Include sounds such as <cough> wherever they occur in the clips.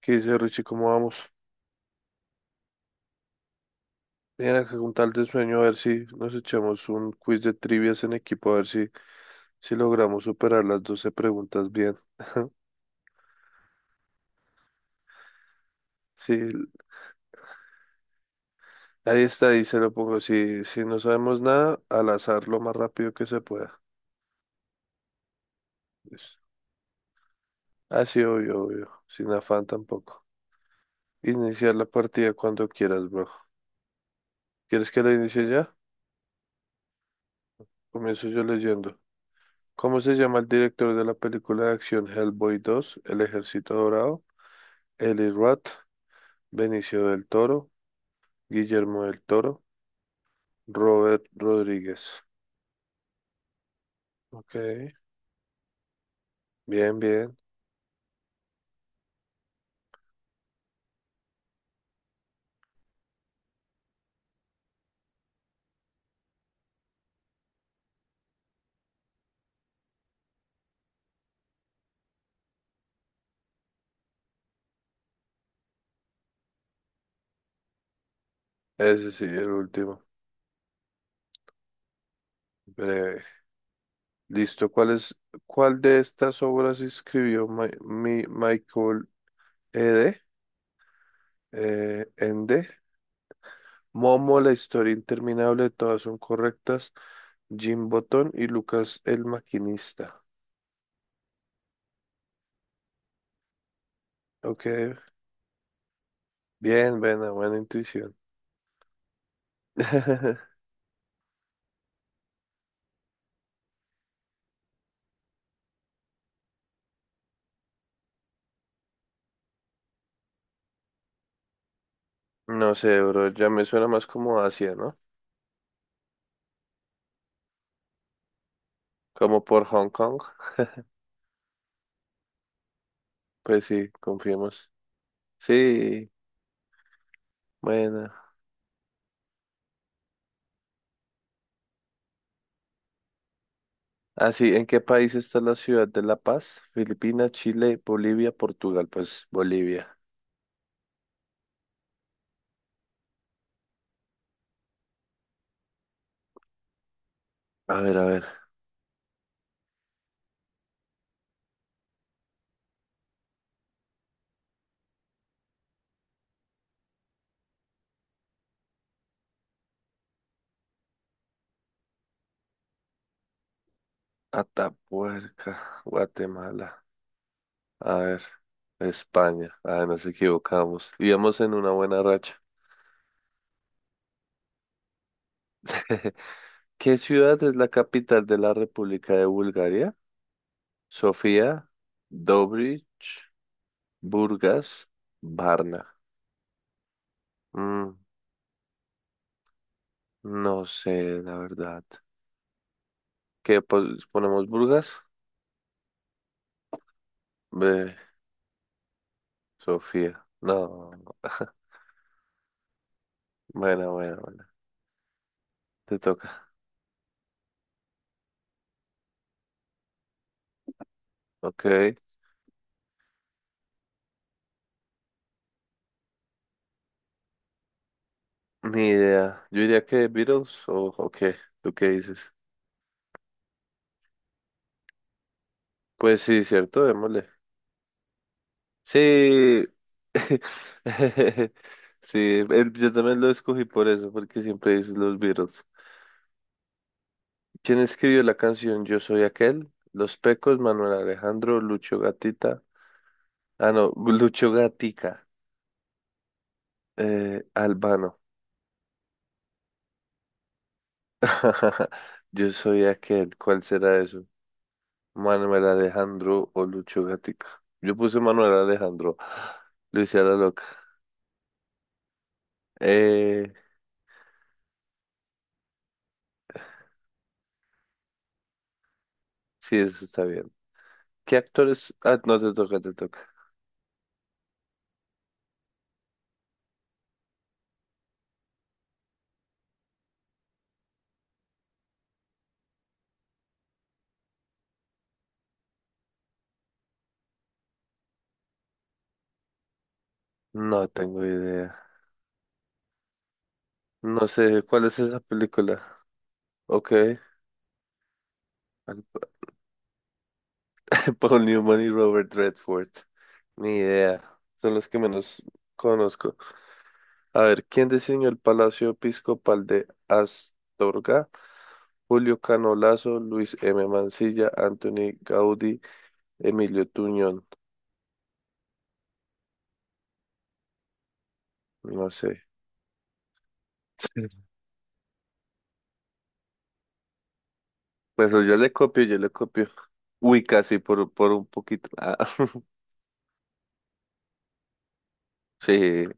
¿Qué dice Richie? ¿Cómo vamos? Bien, acá con tal de sueño, a ver si nos echamos un quiz de trivias en equipo, a ver si, si logramos superar las 12 preguntas bien. Sí, ahí está, ahí se lo pongo. Si, si no sabemos nada, al azar lo más rápido que se pueda. Listo. Ah, sí, obvio, obvio. Sin afán tampoco. Iniciar la partida cuando quieras, bro. ¿Quieres que la inicie ya? Comienzo yo leyendo. ¿Cómo se llama el director de la película de acción Hellboy 2, El Ejército Dorado? Eli Roth, Benicio del Toro, Guillermo del Toro, Robert Rodríguez. Ok, bien, bien. Ese sí, el último. Breve. Listo. ¿Cuál de estas obras escribió Michael Ende? Ende. Momo, la historia interminable, todas son correctas. Jim Botton y Lucas el maquinista. Ok, bien, buena, buena intuición. <laughs> No sé, bro, ya me suena más como Asia, ¿no? Como por Hong Kong. Pues sí, confiemos. Sí, bueno. Así, ¿en qué país está la ciudad de La Paz? Filipinas, Chile, Bolivia, Portugal. Pues Bolivia. A ver, a ver. Atapuerca, Guatemala. A ver. España. Ah, nos equivocamos. Íbamos en una buena racha. <laughs> ¿Qué ciudad es la capital de la República de Bulgaria? Sofía, Dobrich, Burgas, Varna. Mm, no sé, la verdad. ¿Ponemos Burgas? Ve, Sofía. No. Bueno, bueno, bueno. <laughs> Te toca. Ok. Ni idea. Yo diría que Beatles o qué. ¿Tú qué dices? Pues sí, cierto, démosle. Sí. <laughs> Sí, yo también lo escogí por eso, porque siempre dices los Beatles. ¿Quién escribió la canción Yo soy aquel? Los Pecos, Manuel Alejandro, Lucho Gatita. Ah, no, <laughs> Lucho Gatica. Albano. <laughs> Yo soy aquel. ¿Cuál será eso? Manuel Alejandro o Lucho Gatica. Yo puse Manuel Alejandro. Lo hice a la Loca. Eh, sí, eso está bien. ¿Qué actores? Ah, no te toca, te toca. No tengo idea. No sé, ¿cuál es esa película? Ok. <laughs> Paul Newman y Robert Redford. Ni idea. Son los que menos conozco. A ver, ¿quién diseñó el Palacio Episcopal de Astorga? Julio Canolazo, Luis M. Mancilla, Anthony Gaudí, Emilio Tuñón. No sé. <laughs> Pues yo le copio, yo le copio. Uy, casi por un poquito. Ah, <laughs> sí,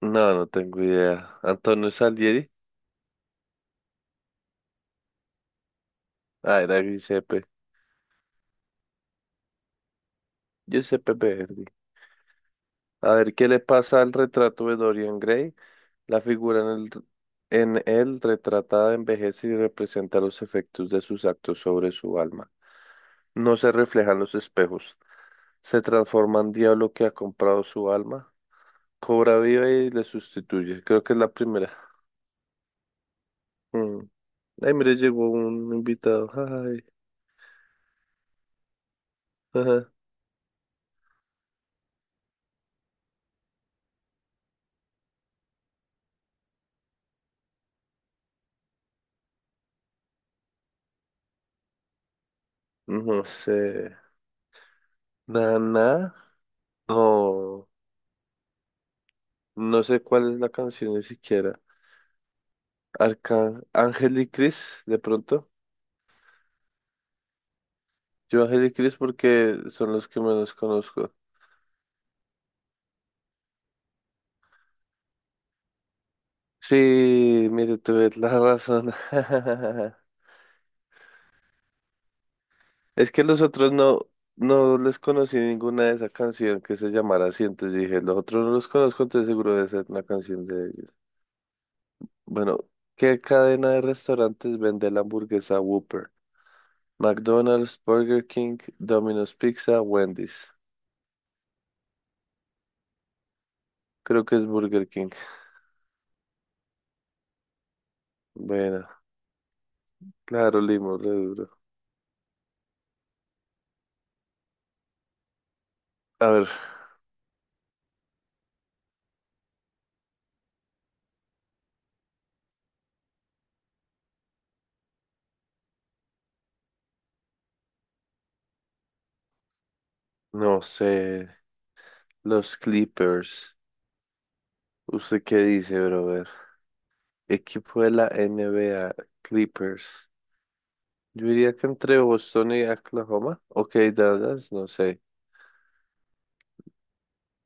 no, no tengo idea. Antonio Salieri. Ah, era Giuseppe. Giuseppe Verdi. A ver, ¿qué le pasa al retrato de Dorian Gray? La figura en el, en él retratada envejece y representa los efectos de sus actos sobre su alma. No se reflejan los espejos. Se transforma en diablo que ha comprado su alma. Cobra vida y le sustituye. Creo que es la primera. Mm. Ay, mire, llegó un invitado. Ay, ajá. No sé. Nana. No. No sé cuál es la canción ni siquiera. Arca... Ángel y Cris, de pronto. Yo Ángel y Cris porque son los que menos conozco. Sí, mire, tuve la razón. <laughs> Es que los otros no, no les conocí ninguna de esa canción que se llamara así. Entonces dije, los otros no los conozco, entonces seguro debe ser una canción de ellos. Bueno, ¿qué cadena de restaurantes vende la hamburguesa Whopper? McDonald's, Burger King, Domino's Pizza, Wendy's. Creo que es Burger King. Bueno, claro, Limo, re duro. A ver, no sé. Los Clippers. ¿Usted qué dice, brother? Equipo de la NBA, Clippers. Yo diría que entre Boston y Oklahoma. Ok, Dallas, no sé.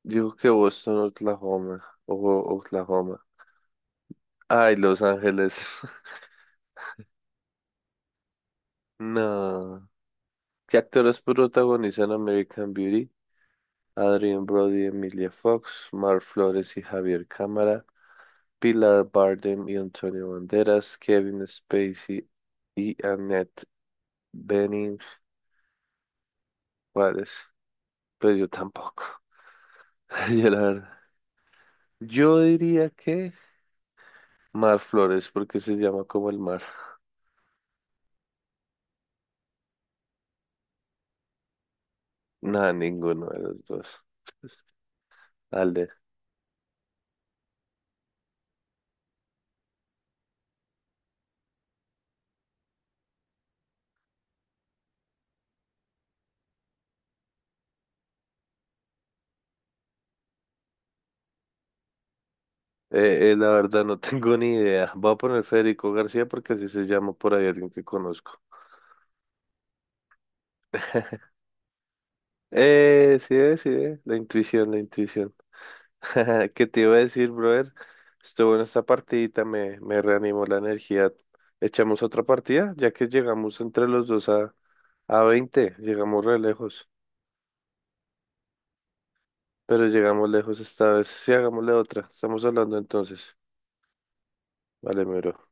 Digo que Boston, Oklahoma. O Oklahoma. Ay, Los Ángeles. <laughs> No. ¿Qué actores protagonizan American Beauty? Adrien Brody, Emilia Fox, Mar Flores y Javier Cámara, Pilar Bardem y Antonio Banderas, Kevin Spacey y Annette Bening. ¿Cuáles? Pues yo tampoco. <laughs> Yo, la verdad. Yo diría que Mar Flores, porque se llama como el mar. Nada, ninguno de los dos. Alde. La verdad no tengo ni idea. Voy a poner Federico García porque así se llama por ahí alguien que conozco. <laughs> Sí, La intuición, la intuición. <laughs> ¿Qué te iba a decir, brother? Estuvo en esta partidita, me reanimó la energía. Echamos otra partida, ya que llegamos entre los dos a 20 llegamos re lejos, pero llegamos lejos esta vez. Sí, hagámosle otra, estamos hablando entonces. Vale, mi bro.